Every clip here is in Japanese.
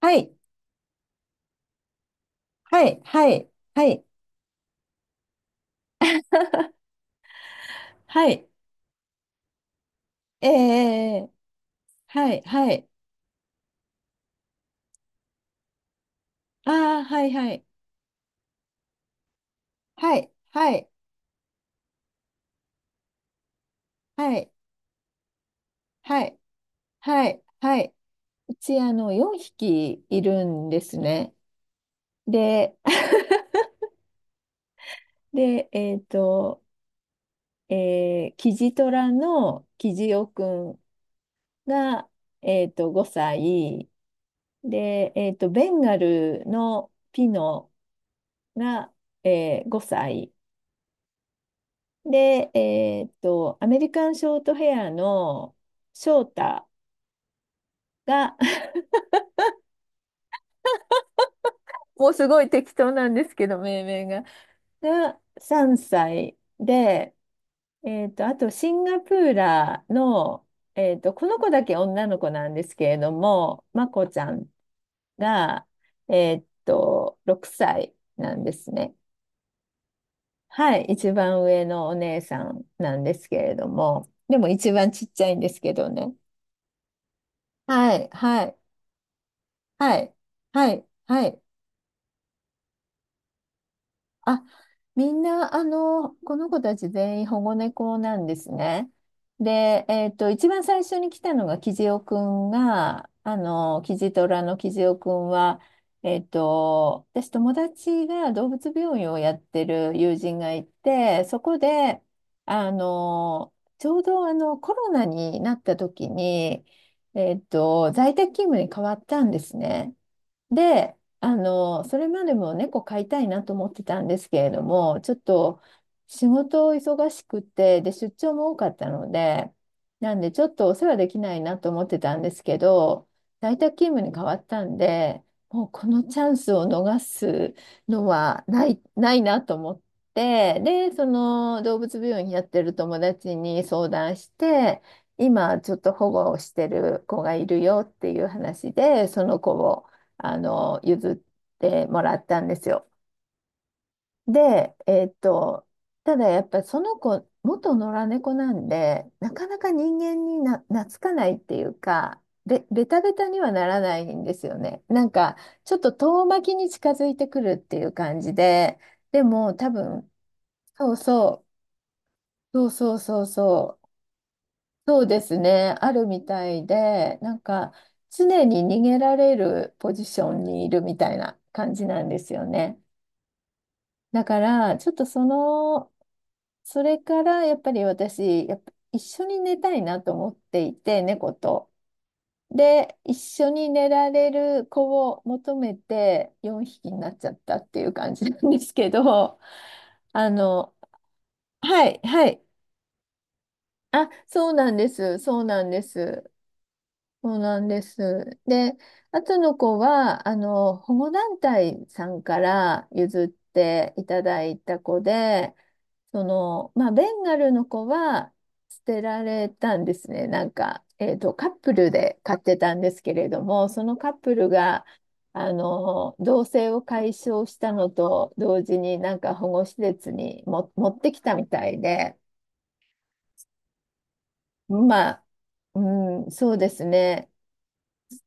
はい、はい、はい、はい、はい、ええはい、はい、ああ、はい、はい、はい、はい、はい、はい、はい、はい。うち、あの、4匹いるんですね。で、で、キジトラのキジオくんが、5歳。で、ベンガルのピノが、5歳。で、アメリカンショートヘアの翔太が、 もうすごい適当なんですけど、命名が。3歳で、あとシンガプーラーの、この子だけ女の子なんですけれども、まこちゃんが、6歳なんですね。はい、一番上のお姉さんなんですけれども、でも一番ちっちゃいんですけどね。はい、はい。はい、はい、はい。あ、みんな、あの、この子たち全員保護猫なんですね。で、えっと、一番最初に来たのがキジトラのキジオくんは、えっと、友達が動物病院をやってる友人がいて、そこで、あの、ちょうどコロナになった時に、えっと、在宅勤務に変わったんですね。で、あの、それまでも猫飼いたいなと思ってたんですけれども、ちょっと仕事を忙しくて、で、出張も多かったので、なんでちょっとお世話できないなと思ってたんですけど、在宅勤務に変わったんで、もうこのチャンスを逃すのはないなと思って、で、その動物病院やってる友達に相談して、今ちょっと保護をしてる子がいるよっていう話で、その子をあの、譲ってもらったんですよ。で、えーっと、ただやっぱりその子、元野良猫なんで、なかなか人間に懐かないっていうか、ベタベタにはならないんですよね。なんか、ちょっと遠巻きに近づいてくるっていう感じで、でも多分、そうそう、そうそうそうそう、そうですね、あるみたいで、なんか、常に逃げられるポジションにいるみたいな感じなんですよね。だから、ちょっとその、それからやっぱり私、やっぱ一緒に寝たいなと思っていて、猫と。で、一緒に寝られる子を求めて4匹になっちゃったっていう感じなんですけど、あの、はい、はい。あ、そうなんです。そうなんです。で、あとの子は、あの、保護団体さんから譲っていただいた子で、その、まあ、ベンガルの子は捨てられたんですね。なんか、えっと、カップルで飼ってたんですけれども、そのカップルが、あの、同棲を解消したのと同時に、なんか保護施設にも持ってきたみたいで、まあ、うん、そうですね。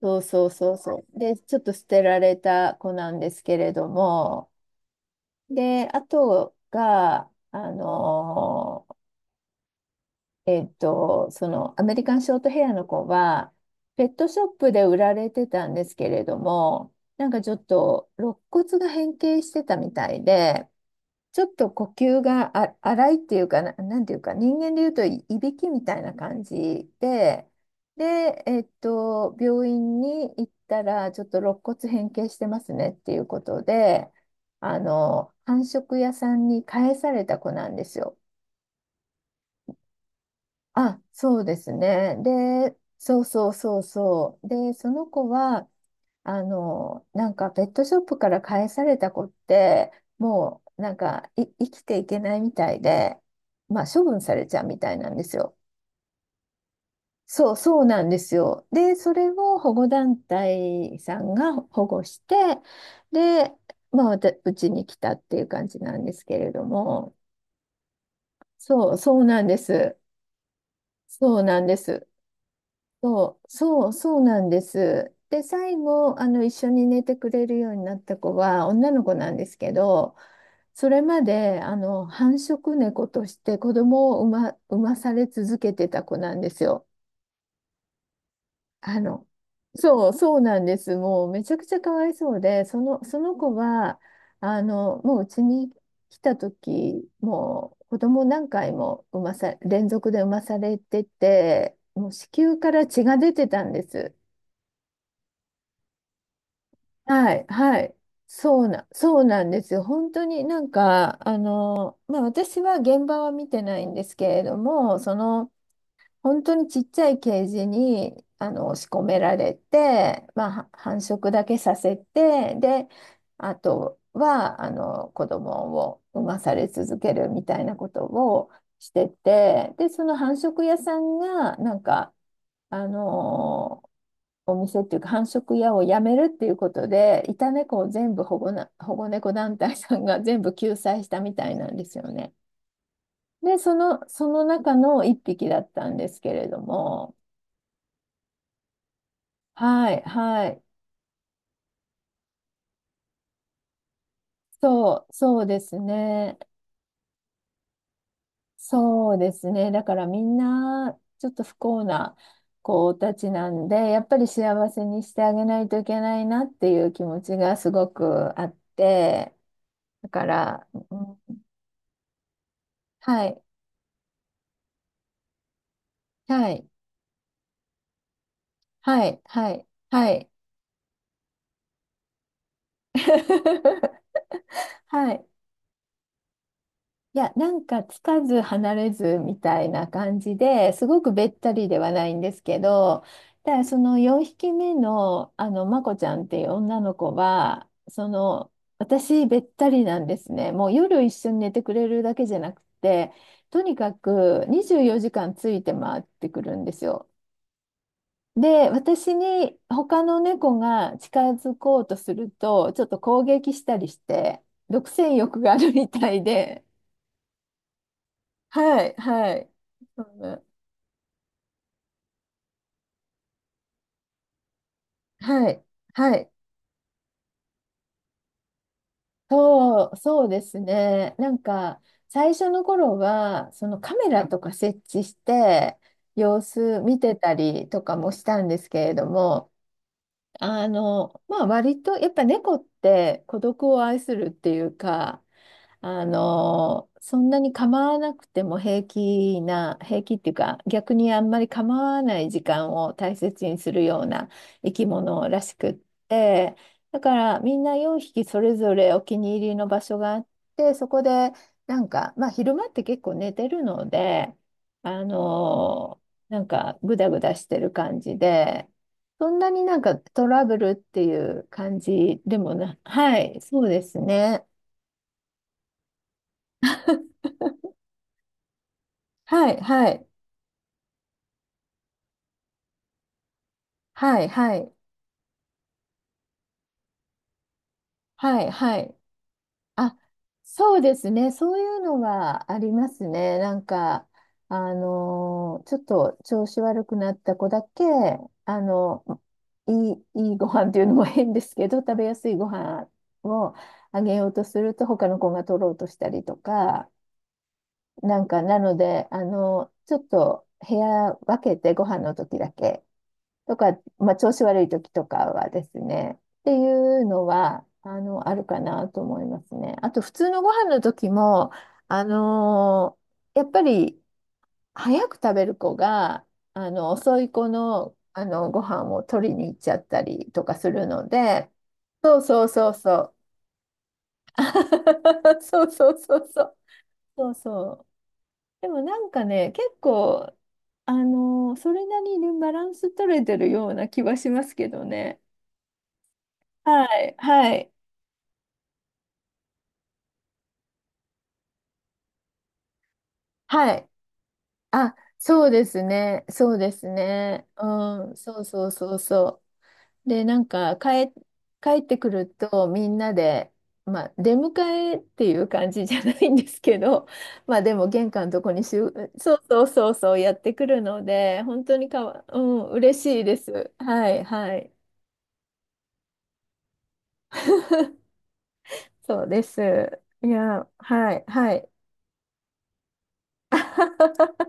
そう。で、ちょっと捨てられた子なんですけれども、で、あとが、えっと、そのアメリカンショートヘアの子は、ペットショップで売られてたんですけれども、なんかちょっと肋骨が変形してたみたいで、ちょっと呼吸が荒いっていうかな、なんていうか、人間でいうといびきみたいな感じで、で、えっと、病院に行ったら、ちょっと肋骨変形してますねっていうことで、あの、繁殖屋さんに返された子なんですよ。あ、そうですね。で、で、その子は、あの、なんかペットショップから返された子って、もうなんかい生きていけないみたいで、まあ処分されちゃうみたいなんですよ。そうなんですよ。で、それを保護団体さんが保護して、で、まあ、うちに来たっていう感じなんですけれども、そうなんです。そうなんです。そうなんです。で、最後、あの、一緒に寝てくれるようになった子は女の子なんですけど、それまで、あの、繁殖猫として子供を産まされ続けてた子なんですよ。あの、そうなんです。もうめちゃくちゃかわいそうで、その子は、あの、もううちに来た時、もう子供何回も産まさ、連続で産まされてて、もう子宮から血が出てたんです。はい、はい。そうなんですよ。本当になんか、あの、まあ私は現場は見てないんですけれども、その、本当にちっちゃいケージに、あの、仕込められて、まあ繁殖だけさせて、で、あとは、あの、子供を産まされ続けるみたいなことをしてて、で、その繁殖屋さんが、なんか、あのお店っていうか繁殖屋をやめるっていうことで、いた猫を全部保護な、保護猫団体さんが全部救済したみたいなんですよね。で、その中の一匹だったんですけれども、はい、はい、そうですね。そうですね。だからみんな、ちょっと不幸な子たちなんで、やっぱり幸せにしてあげないといけないなっていう気持ちがすごくあって、だから、うん、はい、はい。はい、はい、はい。はい。いや、なんかつかず離れずみたいな感じですごくべったりではないんですけど、ただその4匹目の、あの、まこちゃんっていう女の子は、その、私べったりなんですね。もう夜一緒に寝てくれるだけじゃなくて、とにかく24時間ついて回ってくるんですよ。で、私に他の猫が近づこうとすると、ちょっと攻撃したりして、独占欲があるみたいで、はい、はい、うんはい、はい、そうですね。なんか、最初の頃は、そのカメラとか設置して、様子見てたりとかもしたんですけれども、あの、まあ割と、やっぱ猫って孤独を愛するっていうか、あの、そんなに構わなくても平気な、平気っていうか、逆にあんまり構わない時間を大切にするような生き物らしくって、だからみんな4匹それぞれお気に入りの場所があって、そこでなんか、まあ昼間って結構寝てるので、あの、なんかグダグダしてる感じで、そんなになんかトラブルっていう感じでもな、はい、そうですね。はい、はい、はい、はい、はい、はい。あ、そうですね。そういうのはありますね。なんか、あのーちょっと調子悪くなった子だけ、あの、いいご飯っていうのも変ですけど、食べやすいご飯をあげようとすると、他の子が取ろうとしたりとか、なんか、なので、あの、ちょっと部屋分けてご飯の時だけとか、まあ、調子悪い時とかはですね、っていうのは、あの、あるかなと思いますね。あと、普通のご飯の時も、あのーやっぱり、早く食べる子が、あの、遅い子の、あの、ご飯を取りに行っちゃったりとかするので、そうそうそうそう。そうそうそうそう。そうそう。でもなんかね、結構、あのーそれなりにバランス取れてるような気はしますけどね。はい、はい、はい。あ、そうですね、うん、そうそうそうそう。で、なんか、帰ってくると、みんなで、まあ、出迎えっていう感じじゃないんですけど、まあ、でも、玄関のとこにしゅ、そうそうそうそう、やってくるので、本当にかわ、うん、嬉しいです。はい、はい。そうです。いや、はい、はい。